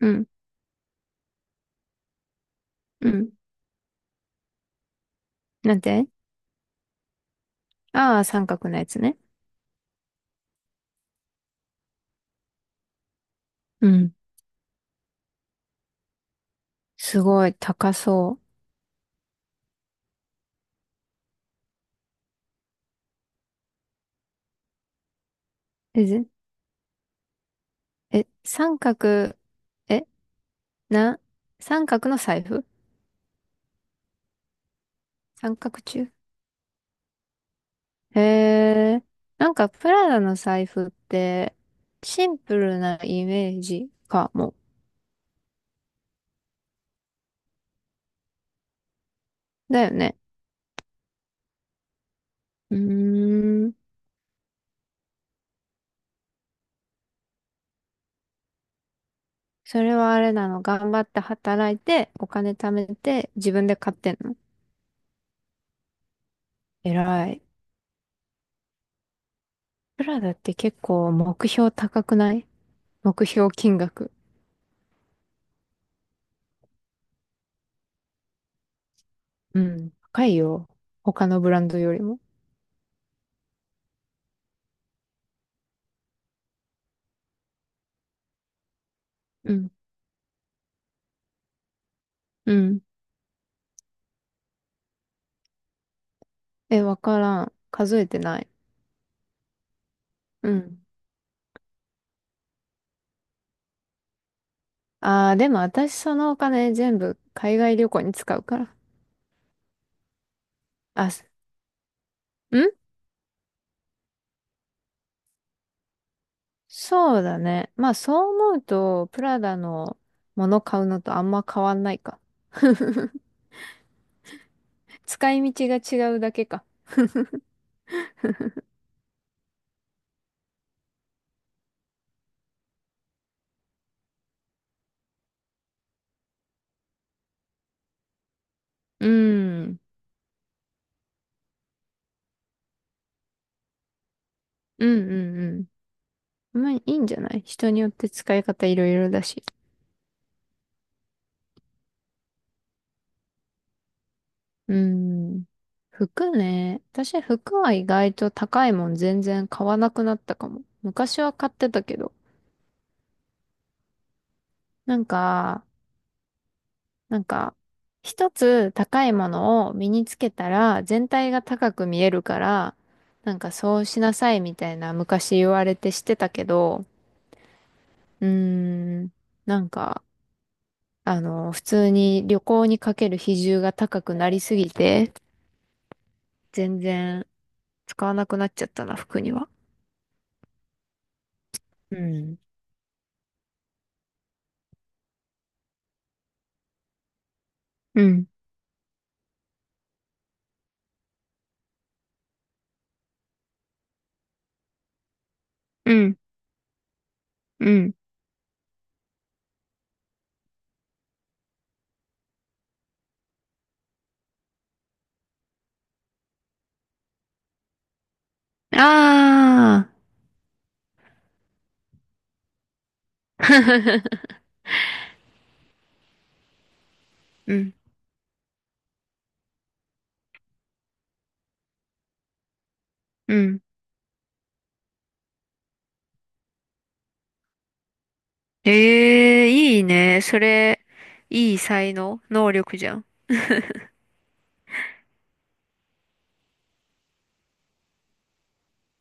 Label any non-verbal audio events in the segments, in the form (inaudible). うん。うん。なんてああー、三角のやつね。うん。すごい、高そう。え、三角、え、な、三角の財布。三角柱。へえ、なんかプラダの財布って、シンプルなイメージかも。だよね。うーん。それはあれなの？頑張って働いて、お金貯めて、自分で買ってんの？偉い。プラダって結構目標高くない？目標金額。うん。高いよ。他のブランドよりも。うん。うん。え、わからん。数えてない。うん。ああ、でも私そのお金全部海外旅行に使うから。あ、すんそうだね。まあそう思うと、プラダのもの買うのとあんま変わんないか。(laughs) 使い道が違うだけか。うん。うんうんうん。まあいいんじゃない？人によって使い方いろいろだし。うん。服ね。私、服は意外と高いもん全然買わなくなったかも。昔は買ってたけど。なんか、なんか、一つ高いものを身につけたら全体が高く見えるから、なんかそうしなさいみたいな昔言われてしてたけど、うーん、なんか、普通に旅行にかける比重が高くなりすぎて、全然使わなくなっちゃったな、服には。うん。うん。うんうん。ああ、うん、うん。ええ、いいね。それ、いい才能、能力じゃん。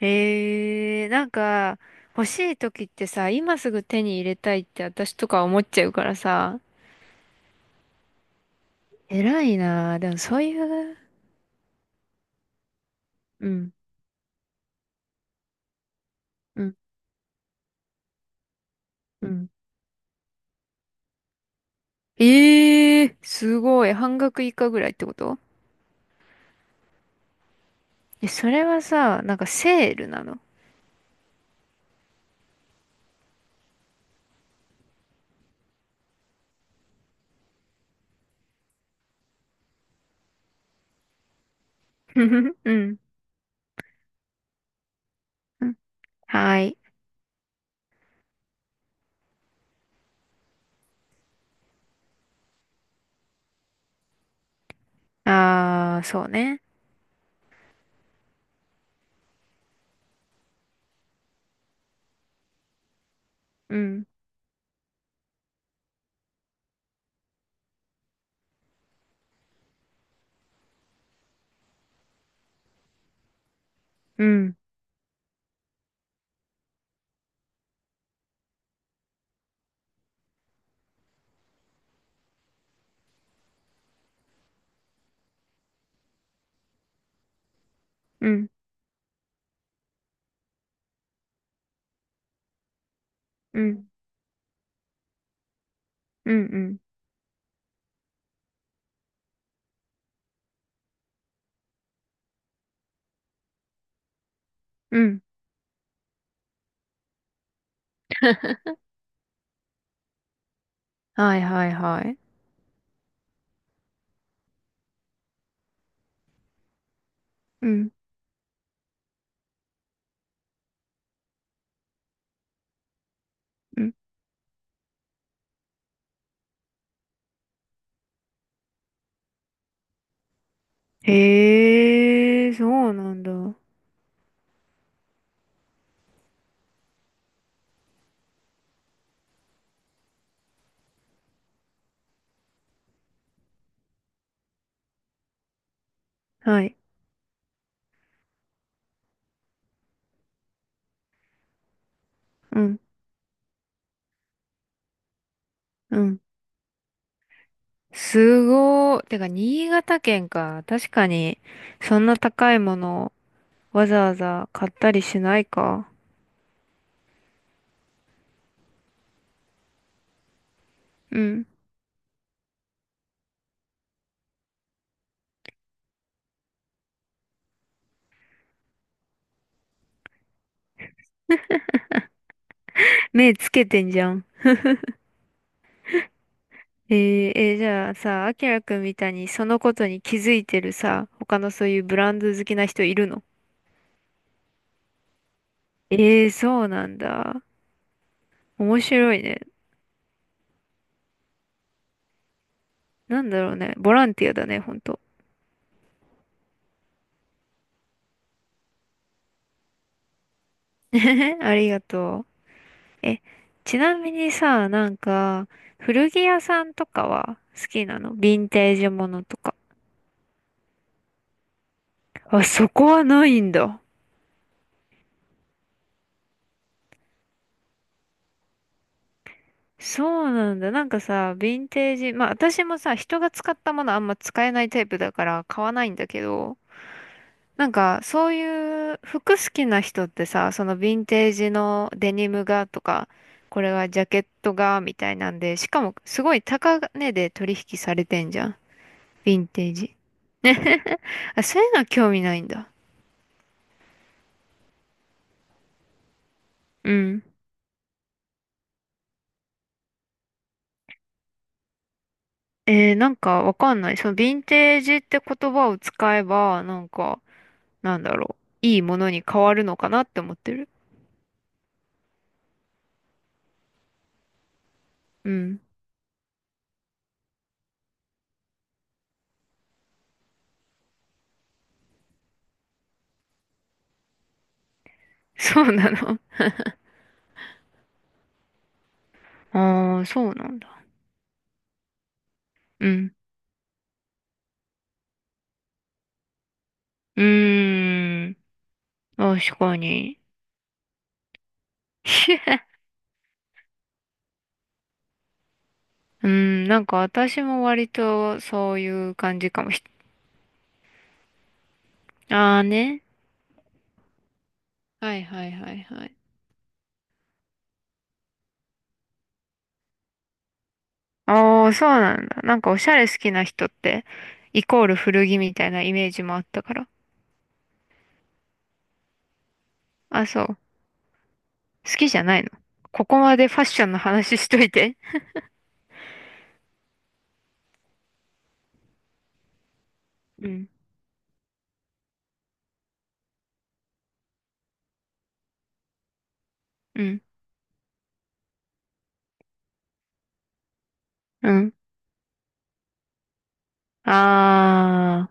ええ、なんか、欲しい時ってさ、今すぐ手に入れたいって私とか思っちゃうからさ、偉いなあ。でもそういう、うん、うん、うん。ええ、すごい。半額以下ぐらいってこと？え、それはさ、なんかセールなの？ふふふ (laughs) うん、うん。はい。ああ、そうね。うん、うん、うん。うん、うん、うん、うん。はいはいはい。うん、うん。へえ、そうなんだ。はい。うん、うん。すごー。てか、新潟県か。確かに、そんな高いものをわざわざ買ったりしないか。うん。目つけてんじゃん。えー、えーじゃあさ、あきらくんみたいにそのことに気づいてるさ、他のそういうブランド好きな人いるの？えー、そうなんだ。面白いね。なんだろうね。ボランティアだね、ほんと。(laughs) ありがとう。え、ちなみにさ、なんか、古着屋さんとかは好きなの？ヴィンテージものとか。あ、そこはないんだ。そうなんだ。なんかさ、ヴィンテージ、まあ私もさ、人が使ったものあんま使えないタイプだから買わないんだけど、なんかそういう服好きな人ってさ、そのヴィンテージのデニムがとか、これはジャケットがみたいなんで、しかもすごい高値で取引されてんじゃん。ヴィンテージ。(laughs) あ、そういうのは興味ないんだ。うん。えー、なんかわかんない。そのヴィンテージって言葉を使えば、なんか、なんだろう。いいものに変わるのかなって思ってる。うん。(laughs) そうなの。(laughs) ああ、そうなんだ。うん。うーん。確かに。(laughs) うん、なんか私も割とそういう感じかもし、ああね。はいはいはいはい。ああ、そうなんだ。なんかおしゃれ好きな人って、イコール古着みたいなイメージもあったから。あ、そう。好きじゃないの？ここまでファッションの話しといて。うん、うん、うん。あ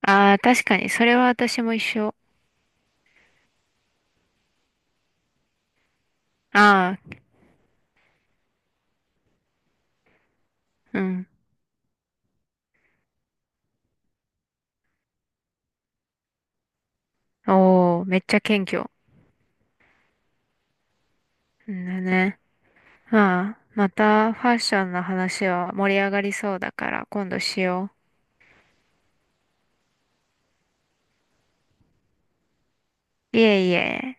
あ、ああ、確かに、それは私も一緒。ああ、うん。おー、めっちゃ謙虚。うんだね。まあ、またファッションの話は盛り上がりそうだから、今度しよう。いえいえ。